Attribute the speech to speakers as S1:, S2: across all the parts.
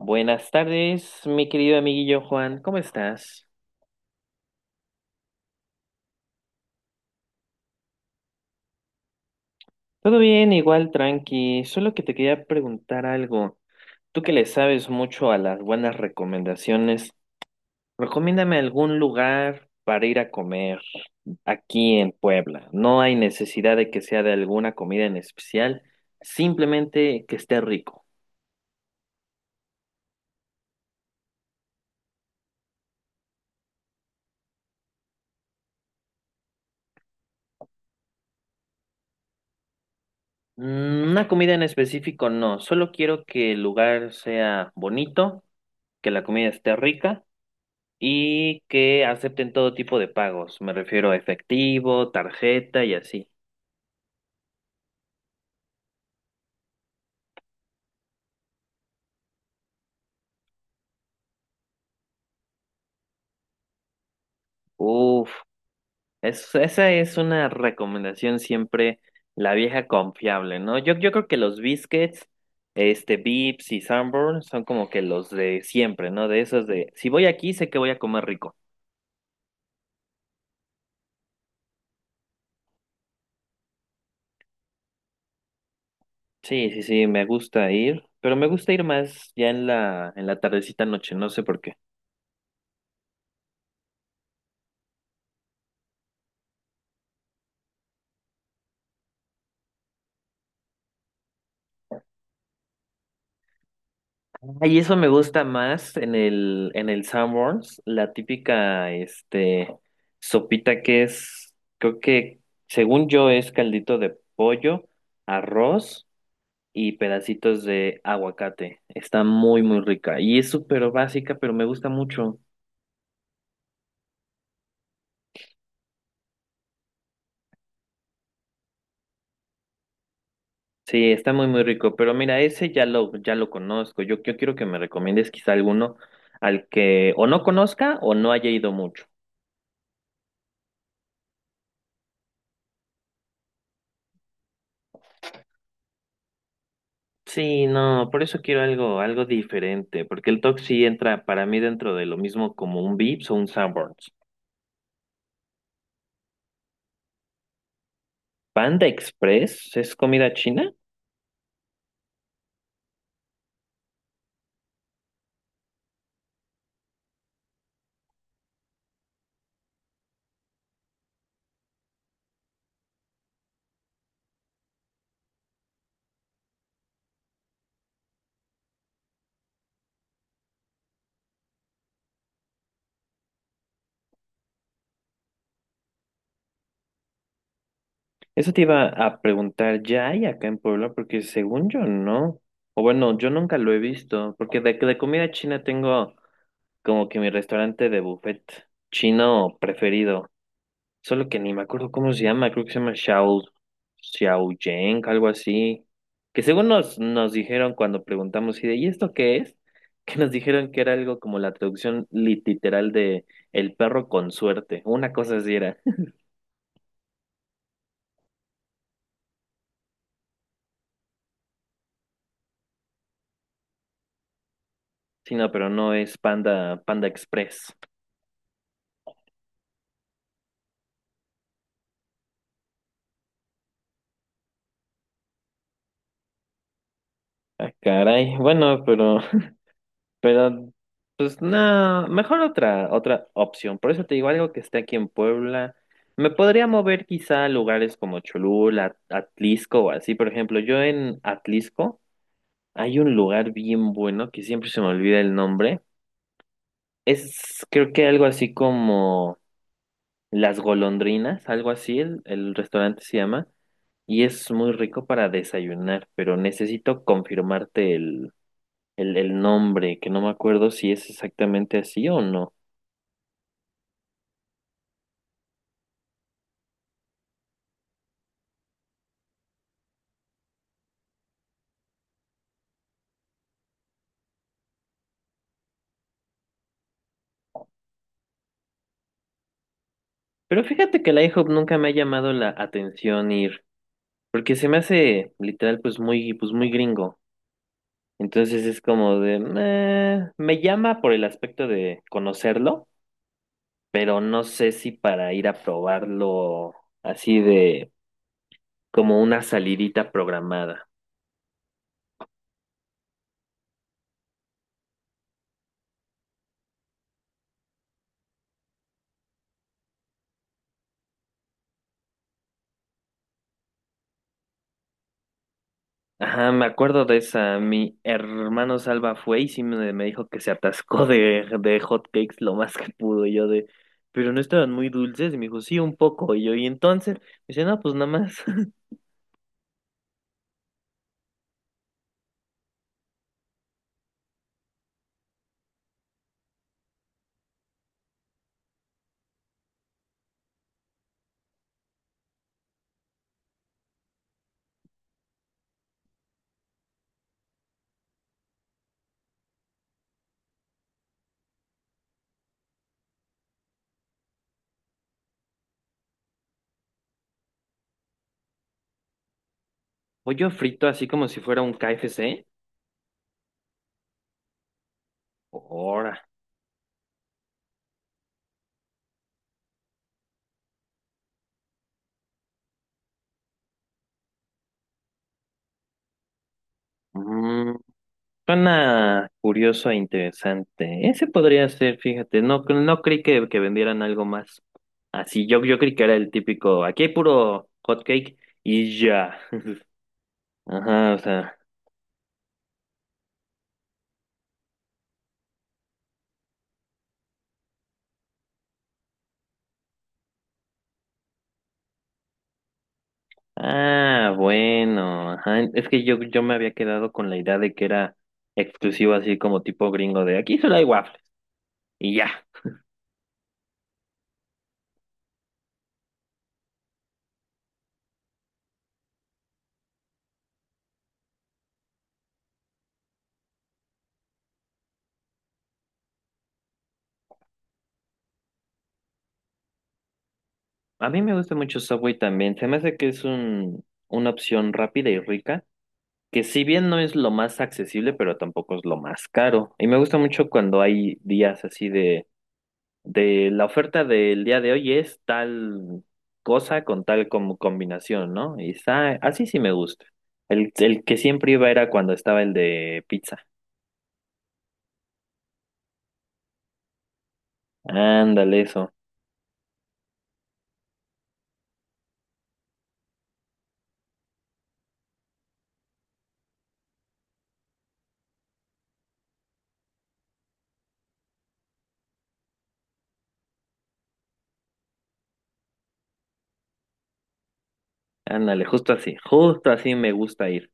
S1: Buenas tardes, mi querido amiguillo Juan, ¿cómo estás? Todo bien, igual tranqui, solo que te quería preguntar algo. Tú que le sabes mucho a las buenas recomendaciones, recomiéndame algún lugar para ir a comer aquí en Puebla. No hay necesidad de que sea de alguna comida en especial, simplemente que esté rico. Una comida en específico no, solo quiero que el lugar sea bonito, que la comida esté rica y que acepten todo tipo de pagos. Me refiero a efectivo, tarjeta y así. Uf, esa es una recomendación siempre, la vieja confiable, ¿no? Yo creo que los biscuits, este, Vips y Sanborn son como que los de siempre, ¿no? De esos de, si voy aquí, sé que voy a comer rico. Sí, sí, sí, me gusta ir, pero me gusta ir más ya en la tardecita noche, no sé por qué. Ay, eso me gusta más en el Sanborns, la típica, este, sopita que es, creo que, según yo, es caldito de pollo, arroz y pedacitos de aguacate. Está muy, muy rica. Y es súper básica, pero me gusta mucho. Sí, está muy, muy rico. Pero mira, ese ya lo conozco. Yo quiero que me recomiendes quizá alguno al que o no conozca o no haya ido mucho. Sí, no, por eso quiero algo, algo diferente, porque el TOC sí entra para mí dentro de lo mismo como un Vips o un Sanborns. Panda Express es comida china. Eso te iba a preguntar, ¿ya hay acá en Puebla? Porque según yo no. O bueno, yo nunca lo he visto, porque de comida china tengo como que mi restaurante de buffet chino preferido. Solo que ni me acuerdo cómo se llama, creo que se llama Xiao Yang, algo así. Que según nos dijeron cuando preguntamos, y de, ¿y esto qué es? Que nos dijeron que era algo como la traducción literal de el perro con suerte. Una cosa así era. Sí, no, pero no es Panda Express. Ah, caray. Bueno, Pero, pues no, mejor otra opción. Por eso te digo algo que esté aquí en Puebla. Me podría mover quizá a lugares como Cholula, Atlisco o así. Por ejemplo, yo en Atlisco hay un lugar bien bueno que siempre se me olvida el nombre. Es creo que algo así como Las Golondrinas, algo así, el restaurante se llama. Y es muy rico para desayunar, pero necesito confirmarte el nombre, que no me acuerdo si es exactamente así o no. Pero fíjate que la IHOP nunca me ha llamado la atención ir, porque se me hace literal pues muy gringo. Entonces es como de, "Nah", me llama por el aspecto de conocerlo, pero no sé si para ir a probarlo así de como una salidita programada. Ajá, me acuerdo de esa. Mi hermano Salva fue y sí me dijo que se atascó de hot cakes lo más que pudo. Y yo de, pero no estaban muy dulces. Y me dijo, sí, un poco. Y yo, y entonces, me dice, no, pues nada más. Pollo frito, así como si fuera un KFC. Ahora. Mm, suena curioso e interesante. Ese podría ser, fíjate. No, no creí que vendieran algo más. Así, yo creí que era el típico, aquí hay puro hot cake y ya. Ajá, o sea. Ah, bueno, ajá. Es que yo me había quedado con la idea de que era exclusivo así como tipo gringo de aquí solo hay waffles y ya. A mí me gusta mucho Subway también. Se me hace que es un, una opción rápida y rica, que si bien no es lo más accesible, pero tampoco es lo más caro. Y me gusta mucho cuando hay días así de la oferta del día de hoy es tal cosa con tal como combinación, ¿no? Y está, así sí me gusta. El que siempre iba era cuando estaba el de pizza. Ándale eso, ándale, justo así me gusta ir.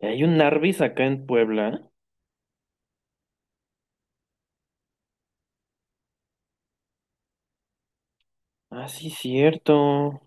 S1: Y hay un Arby's acá en Puebla. Ah, sí, cierto.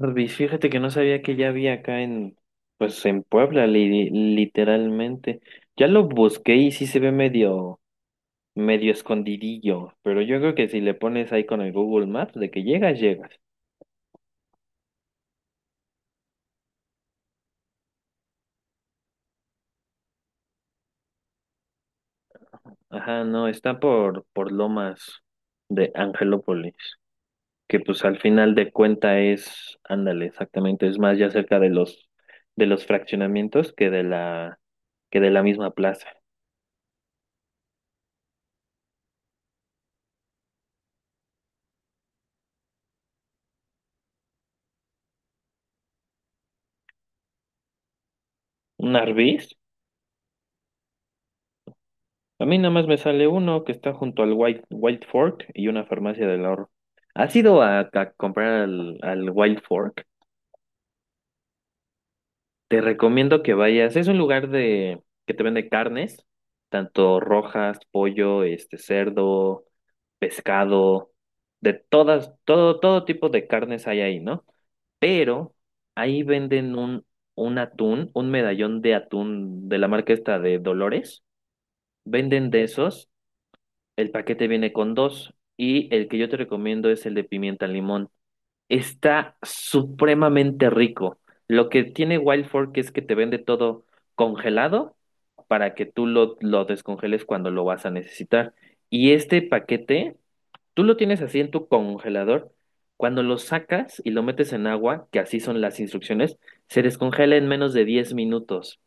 S1: Arby's, fíjate que no sabía que ya había acá en, pues en Puebla, literalmente. Ya lo busqué y sí se ve medio escondidillo, pero yo creo que si le pones ahí con el Google Maps de que llegas, llegas. Ajá, no, está por Lomas de Angelópolis, que pues al final de cuenta es, ándale, exactamente, es más ya cerca de los fraccionamientos que de que de la misma plaza. ¿Un Arby's? A mí nada más me sale uno que está junto al White Fork y una farmacia del ahorro. ¿Has ido a comprar al, al White Fork? Te recomiendo que vayas. Es un lugar de que te vende carnes, tanto rojas, pollo, este cerdo, pescado, de todas, todo, todo tipo de carnes hay ahí, ¿no? Pero ahí venden un atún, un medallón de atún de la marca esta de Dolores. Venden de esos, el paquete viene con dos, y el que yo te recomiendo es el de pimienta limón. Está supremamente rico. Lo que tiene Wild Fork es que te vende todo congelado para que tú lo descongeles cuando lo vas a necesitar. Y este paquete, tú lo tienes así en tu congelador. Cuando lo sacas y lo metes en agua, que así son las instrucciones, se descongela en menos de 10 minutos.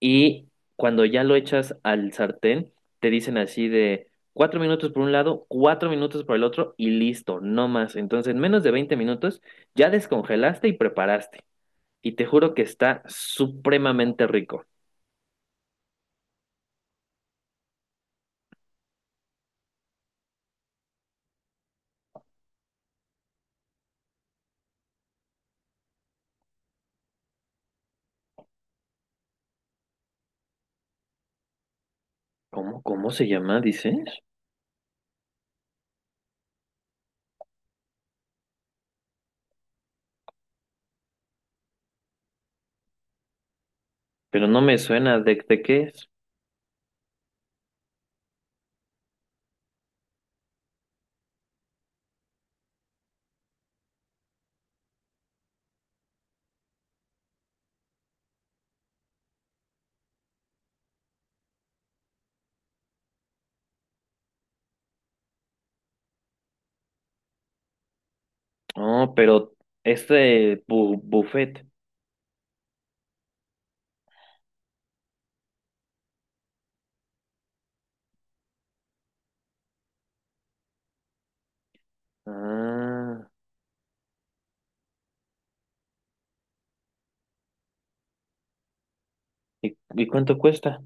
S1: Y cuando ya lo echas al sartén, te dicen así de 4 minutos por un lado, 4 minutos por el otro y listo, no más. Entonces, en menos de 20 minutos ya descongelaste y preparaste. Y te juro que está supremamente rico. ¿Cómo, cómo se llama, dices? Pero no me suena de qué es. Oh, pero este buffet. Ah, y cuánto cuesta?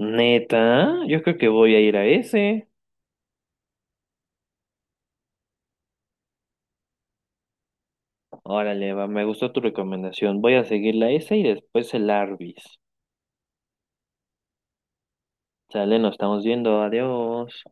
S1: Neta, yo creo que voy a ir a ese. Órale, va, me gustó tu recomendación. Voy a seguir la S y después el Arby's. Sale, nos estamos viendo. Adiós.